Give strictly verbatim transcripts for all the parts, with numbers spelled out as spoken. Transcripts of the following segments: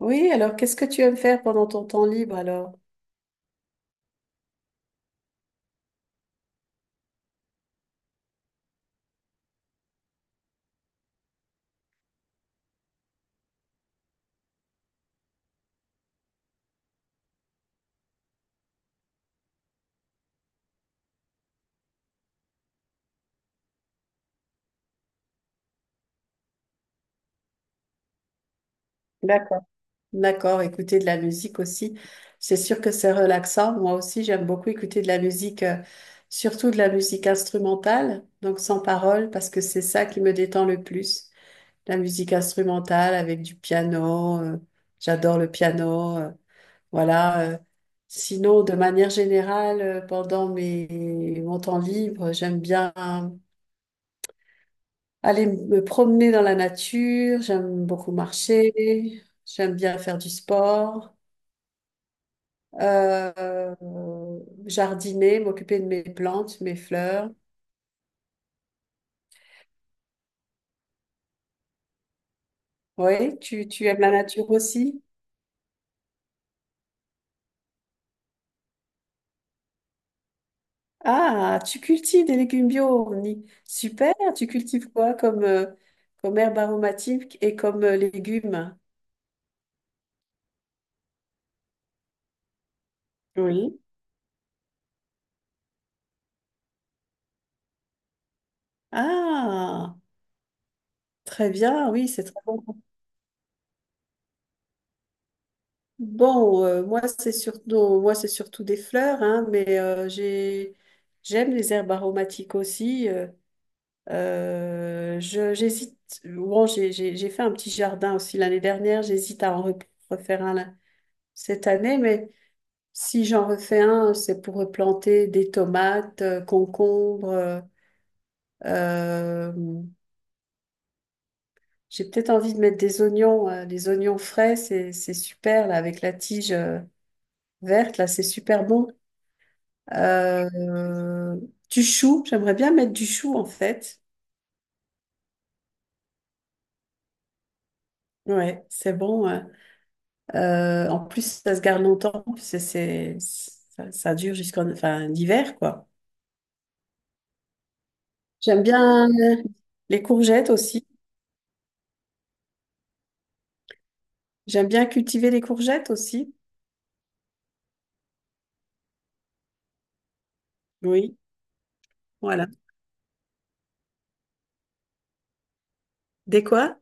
Oui, alors qu'est-ce que tu aimes faire pendant ton temps libre alors? D'accord. D'accord, écouter de la musique aussi. C'est sûr que c'est relaxant. Moi aussi, j'aime beaucoup écouter de la musique, euh, surtout de la musique instrumentale, donc sans parole, parce que c'est ça qui me détend le plus. La musique instrumentale avec du piano, euh, j'adore le piano, euh, voilà. euh. Sinon, de manière générale, euh, pendant mes, mon temps libre, j'aime bien aller me promener dans la nature, j'aime beaucoup marcher, j'aime bien faire du sport, euh, jardiner, m'occuper de mes plantes, mes fleurs. Oui, tu, tu aimes la nature aussi? Ah, tu cultives des légumes bio, Omni. Super, tu cultives quoi comme, euh, comme herbe aromatique et comme euh, légumes? Oui. Ah, très bien, oui, c'est très bon. Bon, euh, moi c'est surtout, moi c'est surtout des fleurs, hein, mais euh, j'ai, j'aime les herbes aromatiques aussi. euh, euh, je, j'hésite. Bon, j'ai, j'ai, j'ai fait un petit jardin aussi l'année dernière. J'hésite à en re- refaire un là- cette année, mais si j'en refais un, c'est pour replanter des tomates, euh, concombres. euh, euh, j'ai peut-être envie de mettre des oignons, hein, des oignons frais, c'est, c'est super là avec la tige euh, verte là, c'est super bon. Euh, du chou, j'aimerais bien mettre du chou en fait. Ouais, c'est bon. Ouais. Euh, en plus, ça se garde longtemps. C'est, c'est, ça, ça dure jusqu'en enfin, l'hiver, quoi. J'aime bien les courgettes aussi. J'aime bien cultiver les courgettes aussi. Oui, voilà. Des quoi?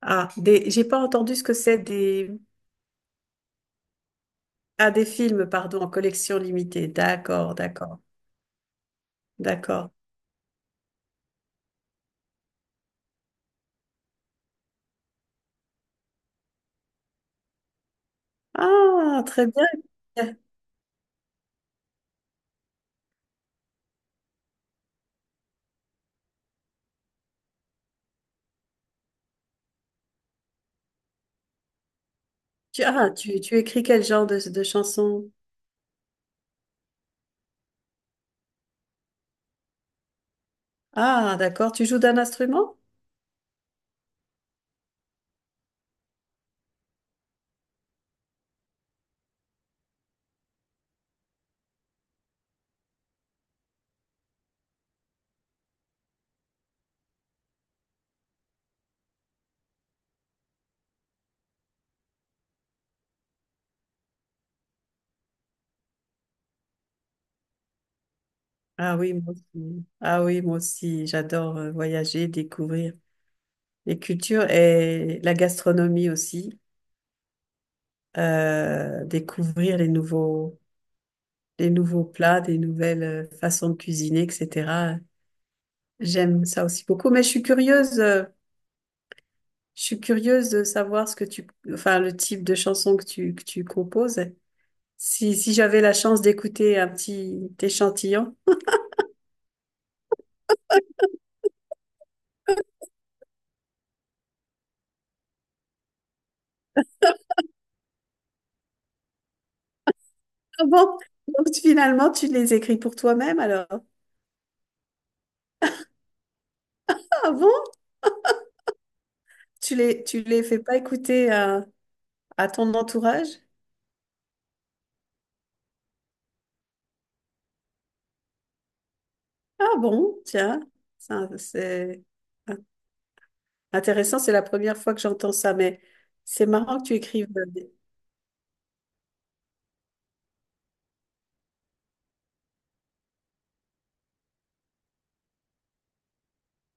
Ah, des, j'ai pas entendu ce que c'est des... Ah, des films, pardon, en collection limitée. D'accord, d'accord, d'accord. Ah, très bien. Tu, ah, tu, tu écris quel genre de, de chansons? Ah, d'accord. Tu joues d'un instrument? Ah oui, moi aussi. Ah oui, moi aussi. J'adore euh, voyager, découvrir les cultures et la gastronomie aussi. Euh, découvrir les nouveaux, les nouveaux plats, des nouvelles euh, façons de cuisiner, et cetera. J'aime ça aussi beaucoup. Mais je suis curieuse. Euh, je suis curieuse de savoir ce que tu, enfin, le type de chanson que tu que tu composes. Si si j'avais la chance d'écouter un petit échantillon. Ah bon? Donc finalement, tu les écris pour toi-même alors? Ah bon? Tu les, tu les fais pas écouter à, à ton entourage? Ah bon? Tiens, ça, c'est intéressant, c'est la première fois que j'entends ça, mais c'est marrant que tu écrives. euh, des-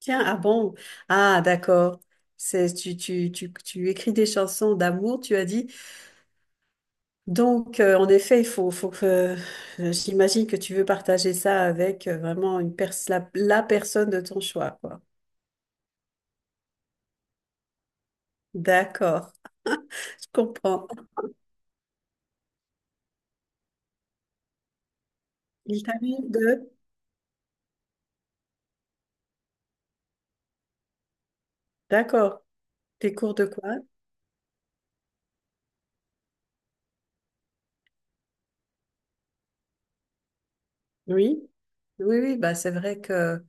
Tiens, ah bon? Ah d'accord. C'est, tu, tu, tu, tu écris des chansons d'amour, tu as dit. Donc, euh, en effet, il faut, faut que, euh, j'imagine que tu veux partager ça avec euh, vraiment une pers- la, la personne de ton choix, quoi. D'accord. Je comprends. Il t'arrive de... D'accord. Des cours de quoi? Oui. Oui, oui, bah c'est vrai que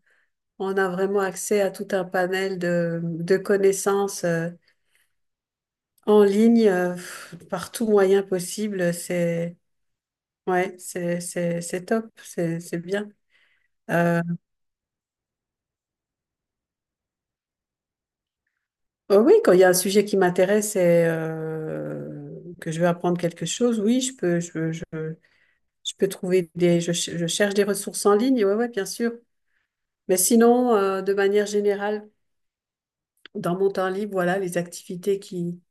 on a vraiment accès à tout un panel de, de connaissances euh, en ligne euh, pff, par tout moyen possible. C'est ouais, c'est c'est c'est top, c'est c'est bien. Euh, oh oui, quand il y a un sujet qui m'intéresse et euh, que je veux apprendre quelque chose, oui, je peux je je je peux trouver des je, ch- je cherche des ressources en ligne. Ouais, ouais, bien sûr. Mais sinon, euh, de manière générale, dans mon temps libre, voilà, les activités qui,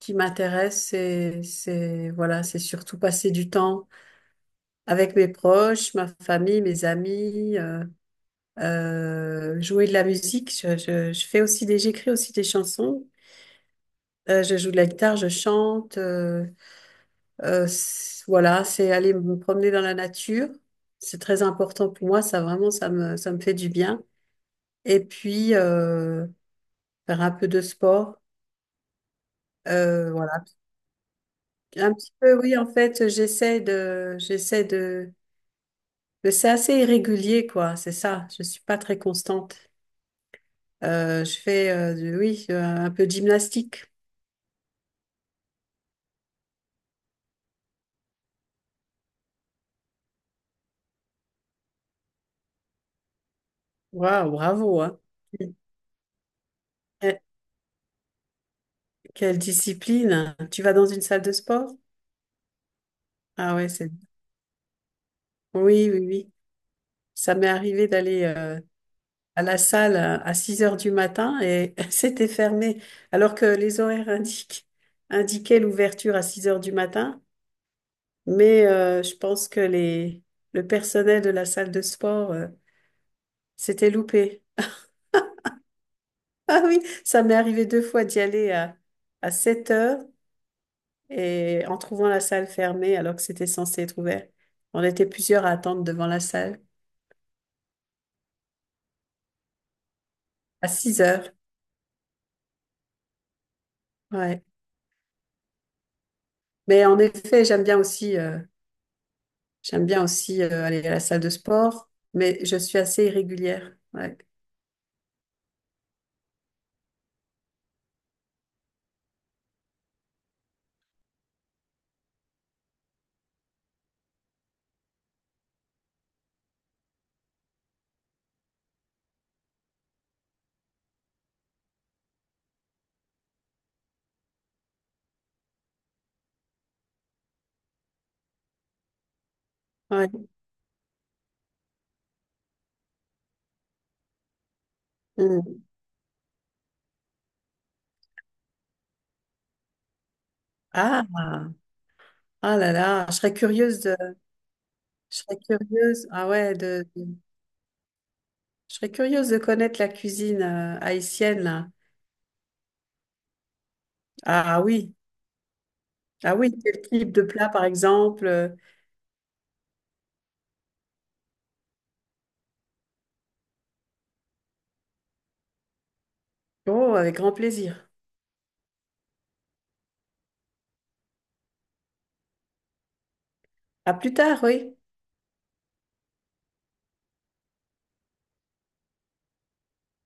qui m'intéressent, c'est, c'est, voilà, c'est surtout passer du temps avec mes proches, ma famille, mes amis, euh, euh, jouer de la musique. Je, je, je fais aussi des, j'écris aussi des chansons. Euh, je joue de la guitare, je chante. euh, euh, c- voilà, c'est aller me promener dans la nature. C'est très important pour moi. Ça vraiment, ça me, ça me fait du bien. Et puis, euh, faire un peu de sport. Euh, Un petit peu, oui, en fait, j'essaie de, j'essaie de, mais c'est assez irrégulier, quoi, c'est ça. Je suis pas très constante. Euh, je fais, euh, du- oui, euh, un peu de gymnastique. Waouh, bravo, hein. Que- Quelle discipline. Tu vas dans une salle de sport? Ah ouais, c'est, oui, oui, oui. Ça m'est arrivé d'aller, euh, à la salle à à six heures du matin et c'était fermé, alors que les horaires indiquent, indiquaient l'ouverture à six heures du matin. Mais euh, je pense que les, le personnel de la salle de sport euh, s'était loupé. Ah oui, ça m'est arrivé deux fois d'y aller à, à sept heures et en trouvant la salle fermée alors que c'était censé être ouvert. On était plusieurs à attendre devant la salle à six heures. Ouais. Mais en effet, j'aime bien aussi, euh, j'aime bien aussi euh, aller à la salle de sport, mais je suis assez irrégulière. Ouais. Ouais. Mm. Ah, ah là là, je serais curieuse de, je serais curieuse, ah ouais, de, je serais curieuse de connaître la cuisine euh, haïtienne, là. Ah oui, ah oui, quel type de plat, par exemple? euh. Oh, avec grand plaisir. À plus tard, oui.